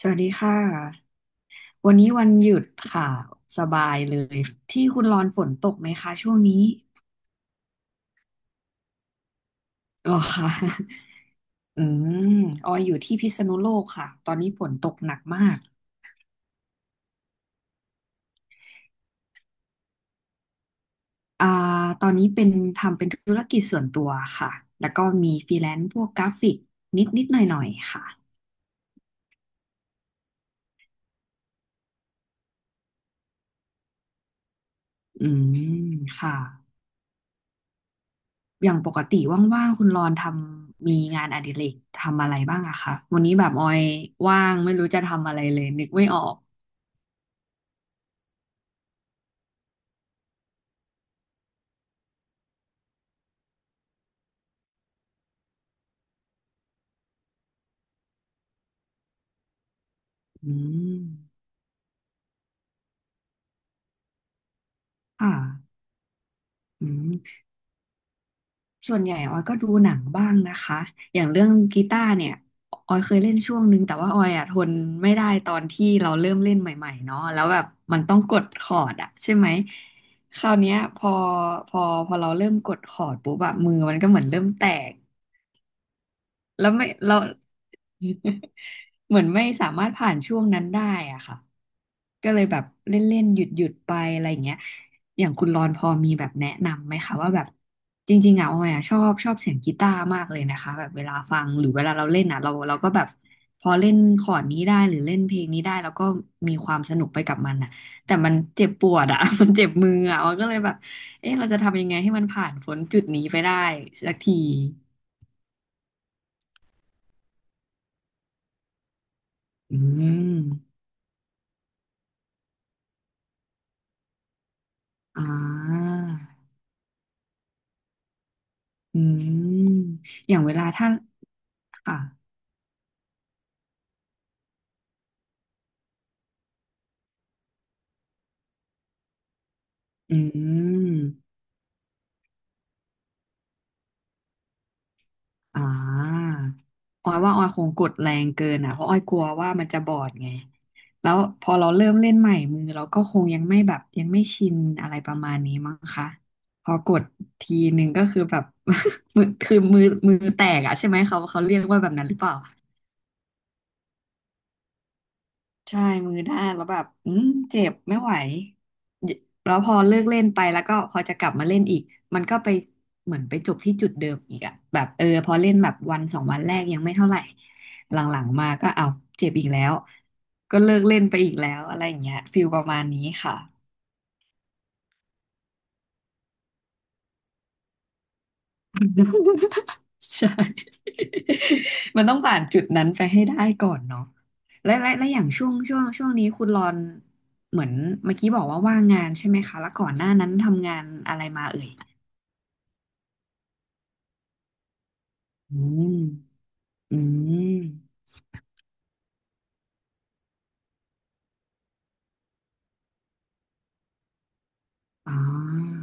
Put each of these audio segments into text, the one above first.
สวัสดีค่ะวันนี้วันหยุดค่ะสบายเลยที่คุณรอนฝนตกไหมคะช่วงนี้หรอคะ อืมออยอยู่ที่พิษณุโลกค่ะตอนนี้ฝนตกหนักมากอ่าตอนนี้เป็นทำเป็นธุรกิจส่วนตัวค่ะแล้วก็มีฟรีแลนซ์พวกกราฟิกนิดนิดหน่อยหน่อยๆค่ะอืมค่ะอย่างปกติว่างๆคุณรอนทำมีงานอดิเรกทำอะไรบ้างอะคะวันนี้แบบออยว่างไม่รู้จะทำอะไรเลยนึกไม่ออกอืม ค่ะอืมส่วนใหญ่ออยก็ดูหนังบ้างนะคะ อย่างเรื่องกีตาร์เนี่ย ออยเคยเล่นช่วงนึงแต่ว่าออยอ่ะทนไม่ได้ตอนที่เราเริ่มเล่นใหม่ๆเนาะแล้วแบบมันต้องกดคอร์ดอะใช่ไหม คราวเนี้ยพอพอเราเริ่มกดคอร์ดปุ๊บแบบมือมันก็เหมือนเริ่มแตก แล้วไม่เรา เหมือนไม่สามารถผ่านช่วงนั้นได้อ่ะค่ะก็เลยแบบเล่นๆหยุดหยุดไปอะไรอย่างเงี้ยอย่างคุณรอนพอมีแบบแนะนำไหมคะว่าแบบจริงๆอ่ะออยอ่ะชอบชอบเสียงกีตาร์มากเลยนะคะแบบเวลาฟังหรือเวลาเราเล่นอ่ะเราเราก็แบบพอเล่นคอร์ดนี้ได้หรือเล่นเพลงนี้ได้แล้วก็มีความสนุกไปกับมันอ่ะแต่มันเจ็บปวดอ่ะ มันเจ็บมืออ่ะออยก็เลยแบบเอ๊ะเราจะทำยังไงให้มันผ่านพ้นจุดนี้ไปได้สักทีอืม อ่าอืมอย่างเวลาถ้าค่ะอืมอ่าออยว่าออยคงกดแรงเกินอ่ะ เพราะออยกลัวว่ามันจะบอดไง แล้วพอเราเริ่มเล่นใหม่มือเราก็คงยังไม่แบบยังไม่ชินอะไรประมาณนี้มั้งคะ พอกดทีหนึ่งก็คือแบบ มือคือมือแตกอ่ะใช่ไหมเขาเรียกว่าแบบนั้นหรือเปล่า ใช่มือด้านแล้วแบบอืมเจ็บไม่ไหวเยแล้วพอเลิกเล่นไปแล้วก็พอจะกลับมาเล่นอีกมันก็ไปเหมือนไปจบที่จุดเดิมอีกอะแบบเออพอเล่นแบบวันสองวันแรกยังไม่เท่าไหร่หลังๆมาก็เอาเจ็บอีกแล้วก็เลิกเล่นไปอีกแล้วอะไรอย่างเงี้ยฟิลประมาณนี้ค่ะ ใช่ มันต้องผ่านจุดนั้นไปให้ได้ก่อนเนาะและอย่างช่วงนี้คุณรอนเหมือนเมื่อกี้บอกว่าว่างงานใช่ไหมคะแล้วก่อนหน้านั้นทำงานอะไรมาเอ่ยอืมอืมอ่า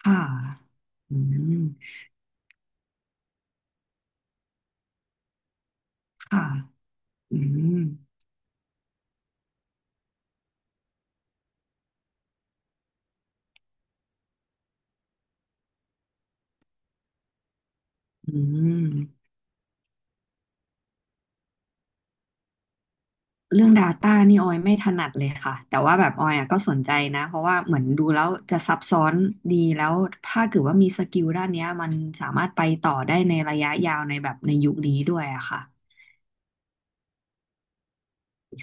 ค่ะอืมค่ะอืมอืม เรื่อง Data นี่ออยไม่ถนัดเลยค่ะแต่ว่าแบบออยอ่ะก็สนใจนะเพราะว่าเหมือนดูแล้วจะซับซ้อนดีแล้วถ้าเกิดว่ามีสกิลด้านเนี้ยมันสามารถไปต่อได้ในระยะยาวในแบบในยุคนี้ด้วยอะค่ะ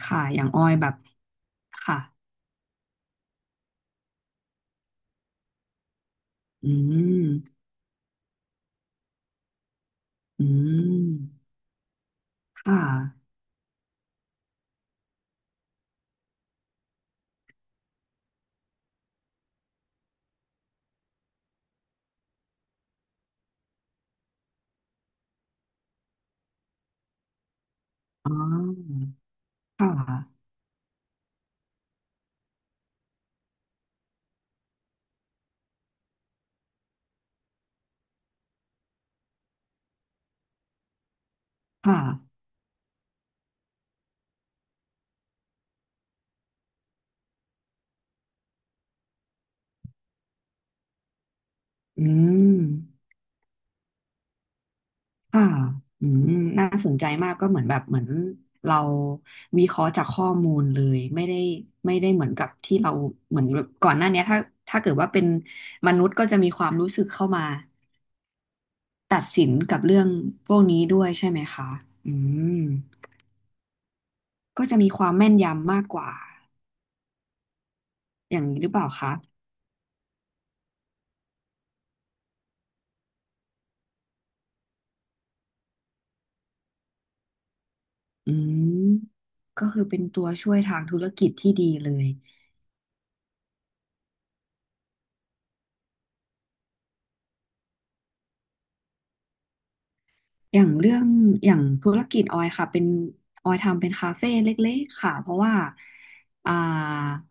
ค่ะอย่างออยแบบค่ะอืมอืมค่ะอ๋อค่ะค่ะอืม ค่ะอืมน่าสนใจมากก็เหมือนแบบเหมือนเราวิเคราะห์จากข้อมูลเลยไม่ได้เหมือนกับที่เราเหมือนแบบก่อนหน้าเนี้ยถ้าถ้าเกิดว่าเป็นมนุษย์ก็จะมีความรู้สึกเข้ามาตัดสินกับเรื่องพวกนี้ด้วยใช่ไหมคะอืมก็จะมีความแม่นยำมากกว่าอย่างนี้หรือเปล่าคะอืมก็คือเป็นตัวช่วยทางธุรกิจที่ดีเลย อย่างเรื่องอย่างธุรกิจออยค่ะเป็นออยทำเป็นคาเฟ่เล็กๆค่ะเพราะว่าอ่า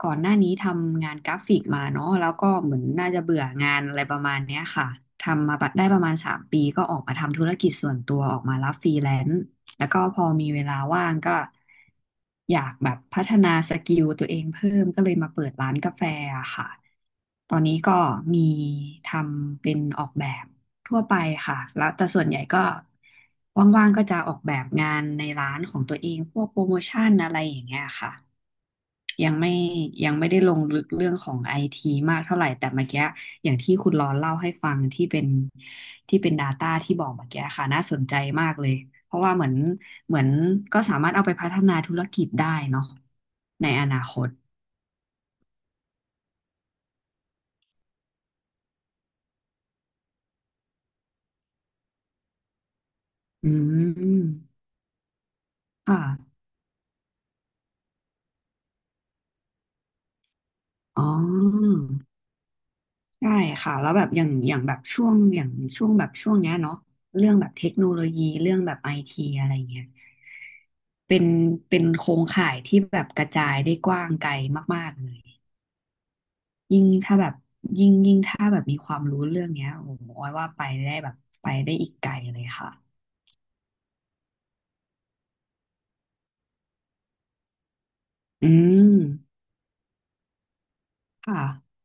ก่อนหน้านี้ทำงานกราฟิกมาเนาะแล้วก็เหมือนน่าจะเบื่องานอะไรประมาณเนี้ยค่ะทำมาได้ประมาณสามปีก็ออกมาทำธุรกิจส่วนตัวออกมารับฟรีแลนซ์ แล้วก็พอมีเวลาว่างก็อยากแบบพัฒนาสกิลตัวเองเพิ่มก็เลยมาเปิดร้านกาแฟอะค่ะ ตอนนี้ก็มีทำเป็นออกแบบทั่วไปค่ะ แล้วแต่ส่วนใหญ่ก็ว่างๆก็จะออกแบบงานในร้านของตัวเองพวกโปรโมชั่นอะไรอย่างเงี้ยค่ะ ยังไม่ยังไม่ได้ลงลึกเรื่องของไอทีมากเท่าไหร่แต่เมื่อกี้อย่างที่คุณรอนเล่าให้ฟังที่เป็น Data ที่บอกเมื่อกี้ค่ะน่าสนใจมากเลยเพราะว่าเหมือนเหมือนก็สามารถเอาไปพัฒนาธุรกิจได้เนาะในอนาคตอืมค่ะอ๋อ ใช่ค่ะแล้วแบบอย่างอย่างแบบช่วงอย่างช่วงแบบช่วงเนี้ยเนาะเรื่องแบบเทคโนโลยีเรื่องแบบไอทีอะไรเงี้ยเป็นเป็นโครงข่ายที่แบบกระจายได้กว้างไกลมากๆเลยยิ่งถ้าแบบยิ่งถ้าแบบมีความรู้เรื่องเนี้ยโอ้โหออยว่าไปได้แบบไปได้อีกไกลเลยค่ะอืมค่ะ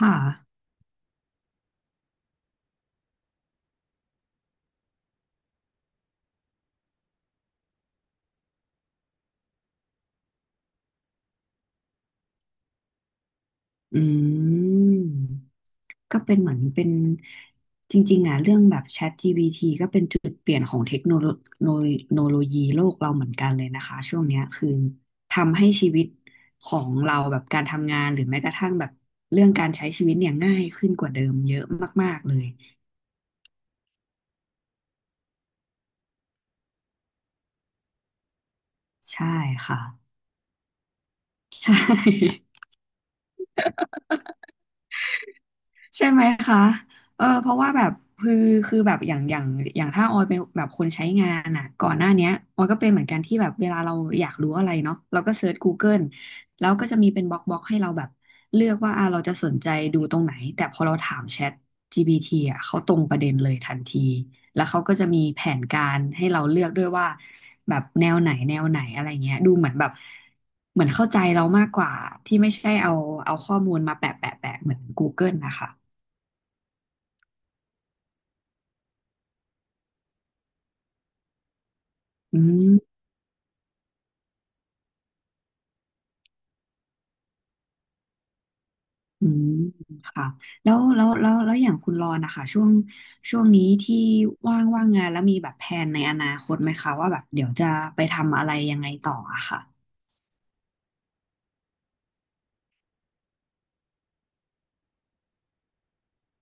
ค่ะอืม ก็เป็นเหมือนเป็นจริงๆอ่ะเรื่องแบบ ChatGPT ก็เป็นจุดเปลี่ยนของเทคโนโลโนโลยีโลกเราเหมือนกันเลยนะคะช่วงเนี้ยคือทำให้ชีวิตของเราแบบการทำงานหรือแม้กระทั่งแบบเรื่องการใช้ชีวิตเนี่ยง่ายขึ้นกว่าเดิมเยอะมากๆเลยใช่ค่ะใช่ ใช่ไหมคะเออเพราะว่าแบบคือคือแบบอย่างถ้าออยเป็นแบบคนใช้งานอ่ะก่อนหน้าเนี้ยออยก็เป็นเหมือนกันที่แบบเวลาเราอยากรู้อะไรเนาะเราก็เซิร์ช Google แล้วก็จะมีเป็นบล็อกให้เราแบบเลือกว่าอ่ะเราจะสนใจดูตรงไหน แต่พอเราถามแชท GPT อ่ะ เขาตรงประเด็นเลยทันทีแล้วเขาก็จะมีแผนการให้เราเลือกด้วยว่าแบบแนวไหนอะไรเงี้ยดูเหมือนแบบเหมือนเข้าใจเรามากกว่าที่ไม่ใช่เอาข้อมูลมาแปะเหมือน Google นะคะ อืมอืม ค่ะแล้ว อย่างคุณรอนนะคะ ช่วงนี้ที่ว่างงาน แล้วมีแบบแผนในอนาคตไหมคะ ว่าแบบเดี๋ยวจะไปทำอะไรยังไงต่ออะค่ะ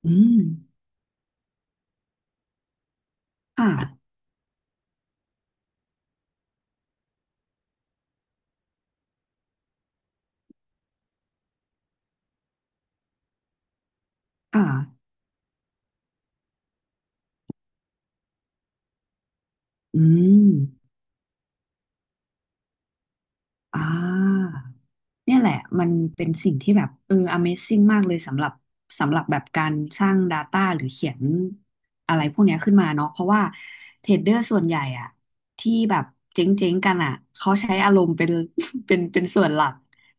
อืมค่ะค่ะ อืม อ่า เนี่ยแหละมันเป็นสิ่งที่แบบเออ Amazing มากเลยสำหรับสำหรับแบบการสร้าง Data หรือเขียนอะไรพวกเนี้ยขึ้นมาเนาะเพราะว่าเทรดเดอร์ส่วนใหญ่อะที่แบบเจ๊งๆกันอะเขาใช้อารมณ์เป็น เป็นส่วนหลัก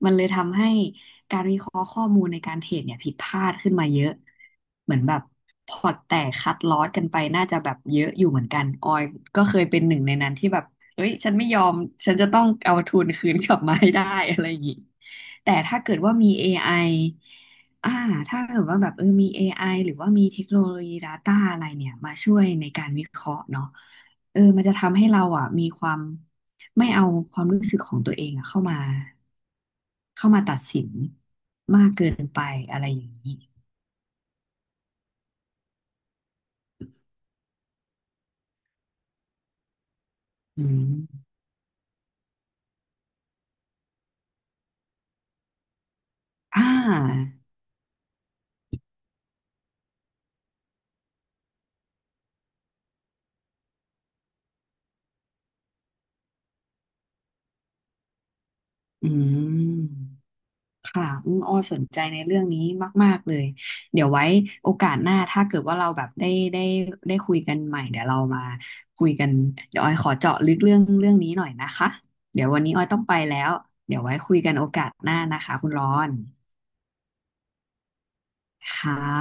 มันเลยทำให้การวิเคราะห์ข้อมูลในการเทรดเนี่ยผิดพลาดขึ้นมาเยอะเหมือนแบบพอร์ตแตกคัดลอสกันไปน่าจะแบบเยอะอยู่เหมือนกันออยก็เคยเป็นหนึ่งในนั้นที่แบบ เอ้ยฉันไม่ยอมฉันจะต้องเอาทุนคืนกลับมาให้ได้ อะไรอย่างงี้แต่ถ้าเกิดว่ามี a ไออ่าถ้าเกิดว่าแบบเออมี a อไอหรือว่ามีเทคโนโลยี Data อะไรเนี่ยมาช่วยในการวิเคราะห์เนาะเออมันจะทำให้เราอ่ะมีความไม่เอาความรู้สึกของตัวเองอ่ะเข้ามาตัดสินมากเกินไปอะไรอย่างนี้อืมอ่าอืม ค่ะอืมอ้อสนใจในเรื่องนี้มากๆเลยเดี๋ยวไว้โอกาสหน้าถ้าเกิดว่าเราแบบได้ได้คุยกันใหม่เดี๋ยวเรามาคุยกันเดี๋ยวออยขอเจาะลึกเรื่องนี้หน่อยนะคะเดี๋ยววันนี้ออยต้องไปแล้วเดี๋ยวไว้คุยกันโอกาสหน้านะคะคุณร้อนค่ะ